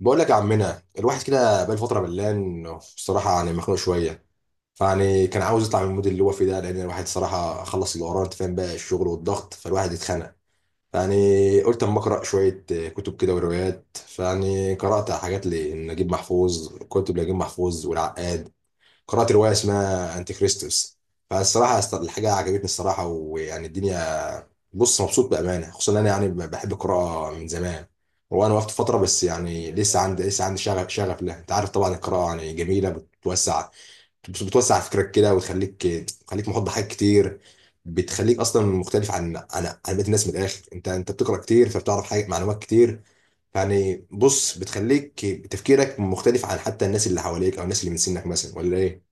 بقول لك يا عمنا، الواحد كده بقى فتره ملان، بصراحه يعني مخنوق شويه. فيعني كان عاوز يطلع من المود اللي هو فيه ده، لان الواحد صراحه خلص اللي وراه، انت فاهم، بقى الشغل والضغط فالواحد اتخنق. فيعني قلت اما اقرا شويه، كتب كده وروايات، فيعني قرات حاجات لنجيب محفوظ، كتب لنجيب محفوظ والعقاد. قرات روايه اسمها انتي كريستوس. فالصراحه الحاجه عجبتني الصراحه، ويعني الدنيا. بص، مبسوط بامانه، خصوصا إن انا يعني بحب القراءه من زمان. وانا وقفت فتره، بس يعني لسه عندي شغف لها، انت عارف، طبعا القراءه يعني جميله، بتوسع. بتوسع فكرك كده وتخليك، تخليك محاط بحاجات كتير. بتخليك اصلا مختلف عن بقيه الناس، من الاخر انت بتقرا كتير فبتعرف حاجه، معلومات كتير. يعني بص، بتخليك تفكيرك مختلف عن حتى الناس اللي حواليك، او الناس اللي من سنك مثلا، ولا ايه؟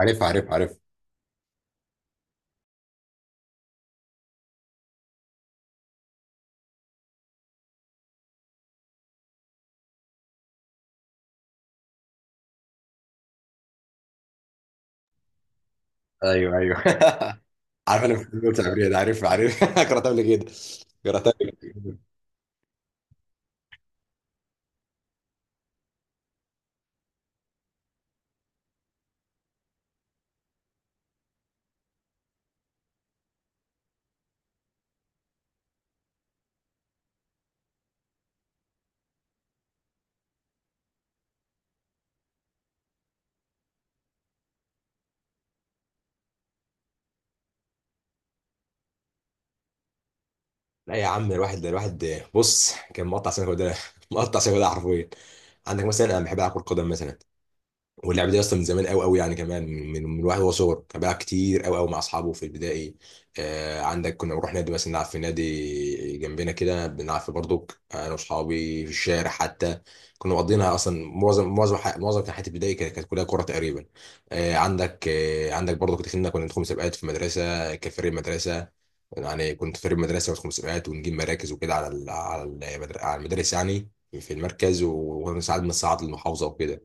عارف، عارف، عارف. ايوه، ايوه. عارف، انا بحب التعبير ده، عارف، عارف. قراتها قبل كده. قراتها قبل كده. لا يا عم، الواحد بص كان مقطع سنه كده، مقطع سنه كده حرفيا. عندك مثلا، انا بحب العب كره قدم مثلا. واللعبه دي اصلا من زمان قوي قوي، يعني كمان من واحد هو صغر كان بيلعب كتير قوي قوي مع اصحابه في البدائي. آه، عندك كنا بنروح نادي مثلا، نلعب في نادي جنبنا كده، بنلعب في بردوك انا واصحابي في الشارع حتى. كنا مقضينها اصلا، معظم كان حياتي البدائي كانت كلها كوره تقريبا. آه عندك، برضه دخلنا، كنا ندخل مسابقات في مدرسه كفريق مدرسه. يعني كنت فريق مدرسه وندخل مسابقات ونجيب مراكز وكده على على على المدارس يعني. في المركز، وساعات بنصعد للمحافظه وكده.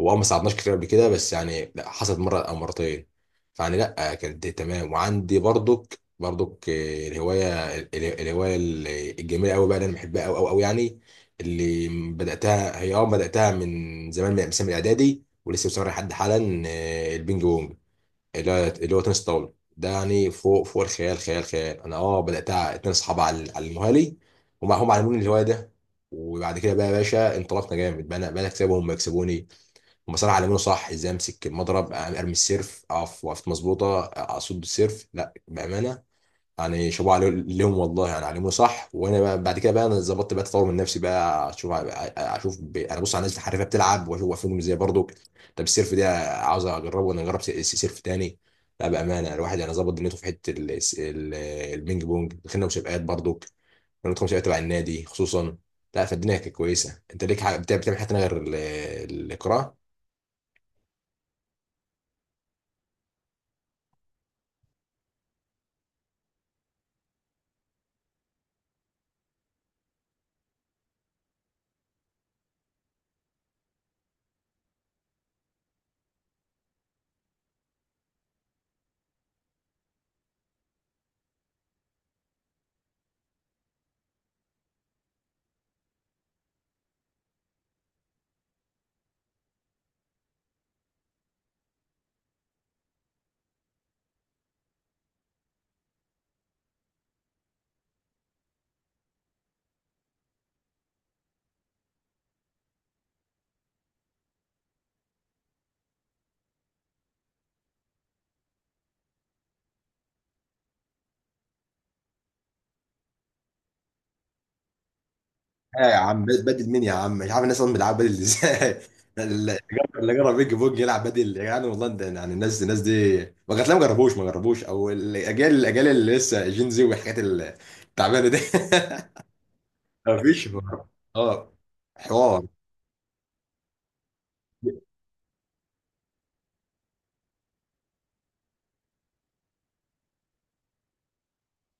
هو اه ما صعدناش كتير قبل كده، بس يعني لا، حصلت مره او مرتين. فيعني لا كانت دي تمام. وعندي برضك الهوايه الهوايه الجميله قوي بقى اللي انا بحبها قوي قوي قوي يعني، اللي بداتها هي اه، بداتها من زمان، من مثلا من الاعدادي ولسه مستمر لحد حالا، البينج بونج، اللي هو اللي هو تنس طاوله ده. يعني فوق فوق الخيال، خيال خيال. انا اه بداتها 2 اصحاب على على المهالي، هم هم علموني الهوايه ده. وبعد كده بقى يا باشا، انطلقنا جامد بقى، انا بقى أنا اكسبهم ويكسبوني. هم صراحة علمونا صح، ازاي امسك المضرب، ارمي السيرف، اقف وقفت مظبوطة، اصد السيرف، لا بأمانة. يعني شابوه ليهم والله، يعني علمونا صح. وانا بقى بعد كده بقى، انا ظبطت بقى، تطور من نفسي بقى، اشوف، انا بص على الناس الحريفة بتلعب واشوف واقفين ازاي برضو. طب السيرف ده عاوز اجربه، وانا اجرب سيرف تاني. لا بأمانة، الواحد يعني ظبط دنيته في حتة ال... البينج بونج. دخلنا مسابقات برضو، رياضة مسابقات تبع النادي خصوصا. لا فالدنيا كانت كويسة. انت ليك حاجة بتعمل، بتعمل حاجة تانية غير القراءة؟ ايه يا عم، بدل مين يا عم؟ مش عارف الناس اصلا بيلعبوا بدل ازاي. اللي جرب، اللي جرب بيج بونج يلعب بدل؟ يعني والله انت يعني، الناس الناس دي ما جات، ما جربوش ما جربوش، او الاجيال، الاجيال اللي لسه جين زي والحاجات التعبانه دي. ما فيش حوار. اه، حوار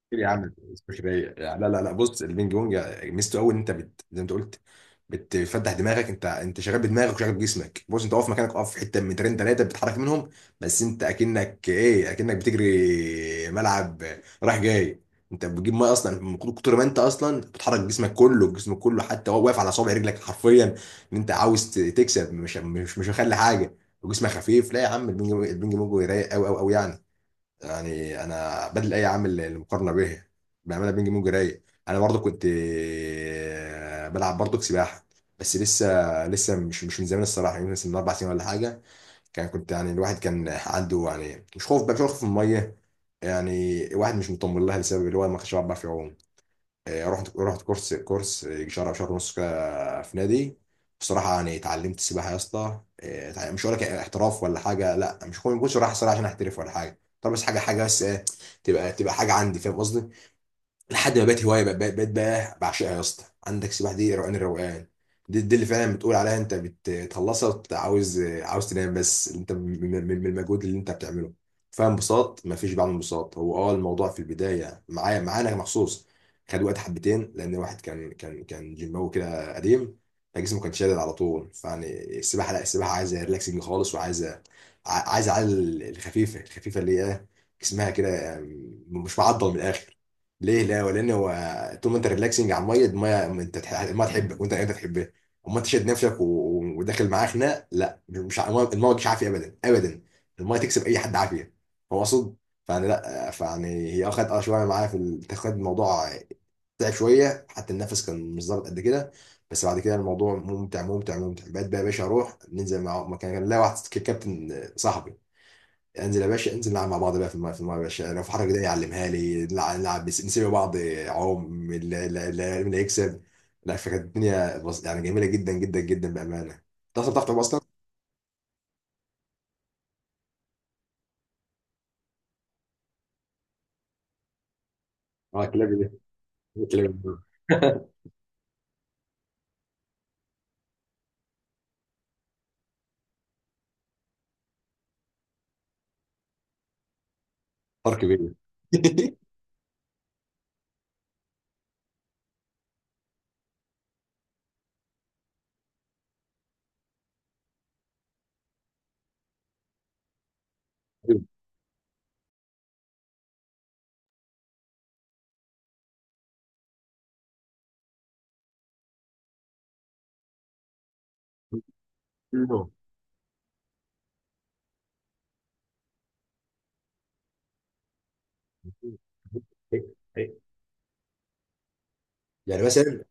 كتير يا عم، مش رايق. لا لا لا، بص، البينج بونج ميزته قوي ان انت زي ما انت قلت، بتفتح دماغك، انت شغال بدماغك وشغال بجسمك. بص، انت واقف مكانك، واقف في حته 2 3 متر بتتحرك منهم، بس انت اكنك ايه، اكنك بتجري ملعب رايح جاي. انت بتجيب ميه اصلا من كتر ما انت اصلا بتحرك جسمك كله، جسمك كله حتى وهو واقف على صابع رجلك حرفيا، ان انت عاوز تكسب، مش مخلي حاجه وجسمك خفيف. لا يا عم، البينج بونج رايق قوي قوي قوي يعني. يعني انا بدل اي عامل المقارنه به، بامانه بينج بونج رايق. انا برضو كنت بلعب برضو سباحه، بس لسه، لسه مش من زمان الصراحه. يعني مثلا من 4 سنين ولا حاجه. كان كنت يعني الواحد كان عنده يعني مش خوف بقى، مش خوف من الميه، يعني الواحد مش مطمن لها، لسبب اللي هو ما كانش بيعرف يعوم. رحت، رحت كورس، كورس يجي شهر او شهر ونص كده في نادي. بصراحه يعني اتعلمت السباحه يا اسطى. مش هقول لك احتراف ولا حاجه، لا، مش كنت، مش رايح الصراحه عشان احترف ولا حاجه، طب بس حاجه، حاجه بس تبقى، تبقى حاجه عندي، فاهم قصدي؟ لحد ما بقت هوايه، بقت بقى بعشقها يا اسطى. عندك سباحه دي روقان الروقان، دي، دي اللي فعلا بتقول عليها انت بتخلصها وبت- عاوز، عاوز تنام، بس انت من، من المجهود اللي انت بتعمله. فاهم، انبساط، مفيش بعمل انبساط. هو اه الموضوع في البدايه معايا، معانا مخصوص، خد وقت حبتين، لان الواحد كان، كان جيماوي كده قديم، فجسمه كان شادد على طول. فيعني السباحه لا، السباحه عايزه ريلاكسنج خالص، وعايزه، عايزه على الخفيفه، الخفيفه اللي هي إيه؟ جسمها كده مش معضل، من الاخر. ليه؟ لا ولان هو طول ما انت ريلاكسنج على الميه، الميه انت الميه تحبك وانت انت تحبها. اما انت شاد نفسك و وداخل معاه خناق، لا مش الميه، المية مش عافيه ابدا ابدا. الميه تكسب اي حد عافيه، هو اقصد. فانا لا، فيعني هي اخد اه شويه معايا في الاتخاذ الموضوع، تعب شويه، حتى النفس كان مش ظابط قد كده. بس بعد كده الموضوع ممتع ممتع. بقيت بقى يا باشا اروح ننزل مع مكان كان، لا واحد كابتن صاحبي، انزل يا باشا انزل نلعب مع بعض بقى في الماء، في الماء يا باشا لو في حركه كده يعلمها لي، نلعب، نسيب بعض، عوم اللي يكسب. لا فكانت الدنيا يعني جميله جدا جدا جدا بامانه. انت اصلا بتعرف تعوم اصلا؟ اه كلابي، دي كلابي دي. فرق كبير. يعني مثلا،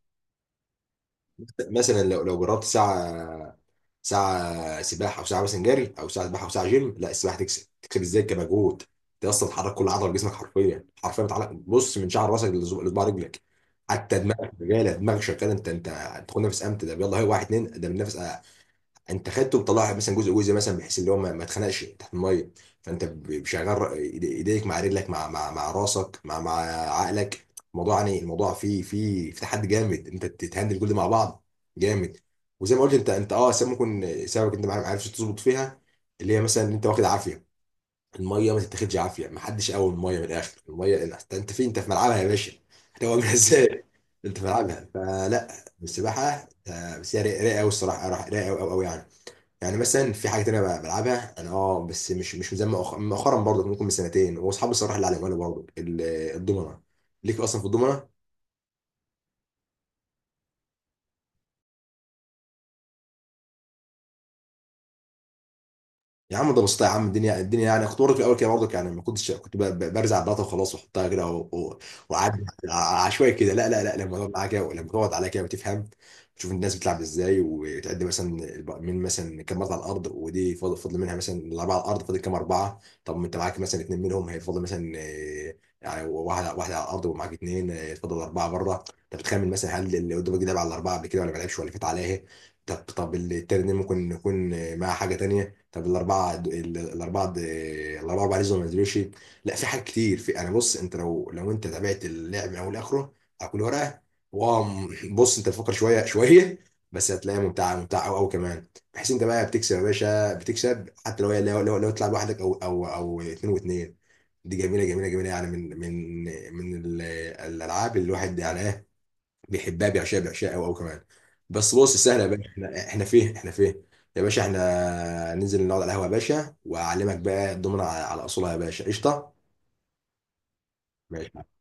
مثلا لو لو جربت ساعه، ساعه سباحه، او ساعه مثلا جري، او ساعه سباحه، او ساعه جيم، لا السباحه تكسب، تكسب ازاي كمجهود؟ انت اصلا بتحرك كل عضله في جسمك، حرفيا حرفيا بتعلق بص من شعر راسك لصباع رجلك، حتى دماغك شغاله، دماغك شغاله. انت انت تاخد نفس امتى ده، يلا هي واحد اتنين ده بنفس انت خدته، وطلعها مثلا جزء جزء، مثلا بحيث اللي هو ما اتخنقش تحت الميه. فانت شغال ايديك مع رجلك، مع مع راسك، مع مع عقلك. الموضوع يعني الموضوع فيه، في تحدي جامد، انت تتهندل كل ده مع بعض، جامد. وزي ما قلت انت، انت اه سبب، ممكن سببك انت ما عرفتش تظبط فيها، اللي هي مثلا ان انت واخد عافيه. الميه ما تتاخدش عافيه، ما حدش قوي الميه، من الاخر الميه، انت، انت فين؟ انت في ملعبها يا باشا. هتقومها ازاي؟ انت في ملعبها فلا. السباحه بس هي رايقه قوي الصراحه، رايقه قوي قوي يعني. يعني مثلا في حاجه تانية بقى بلعبها انا اه، بس مش، مش زي مؤخرا برضه، ممكن من سنتين، واصحابي الصراحه اللي علموا لي برضه الضمنه. ليك اصلا في الضمنه؟ يا عم ده بسيطة يا عم، الدنيا، الدنيا يعني. كنت برضه في الاول كده برضه يعني ما كنتش، كنت برزع الداتا وخلاص، واحطها كده و وأعدي عشوائي كده. لا لا لا، لما تقعد معاها كده، لما تقعد عليها كده، وتفهم، تشوف الناس بتلعب ازاي، وتعد مثلا من مثلا كام مرة على الارض، ودي فاضل، فاضل منها مثلا، الاربعه على الارض فاضل كام اربعه؟ طب ما انت معاك مثلا اثنين منهم، هيفضل مثلا يعني واحد واحد على الارض ومعاك اثنين، فاضل اربعه بره، انت بتخمن مثلا هل اللي قدامك ده لعب على الاربعه قبل كده ولا ما لعبش ولا فات عليها. طب، طب التاني ده ممكن يكون مع حاجه تانيه. طب الاربعه الاربعه، الاربعه باريزو ما نزلوش. لا، في حاجات كتير. في، انا بص انت لو، لو انت تابعت اللعب من اول لاخره على كل ورقه، واو، بص انت تفكر شويه شويه بس هتلاقيها ممتعه، ممتعه قوي قوي كمان. بحيث انت بقى بتكسب يا باشا، بتكسب حتى لو هي، لو، لو لو تلعب لوحدك، او او اثنين واثنين. دي جميله جميله يعني من، من الالعاب اللي الواحد يعني ايه، بيحبها، بيعشقها، بيعشقها قوي قوي كمان. بس بص سهله يا باشا. احنا، احنا فين؟ احنا فين يا باشا؟ احنا ننزل نقعد على القهوه يا باشا، واعلمك بقى الضمنه على على اصولها يا باشا، قشطه. ماشي.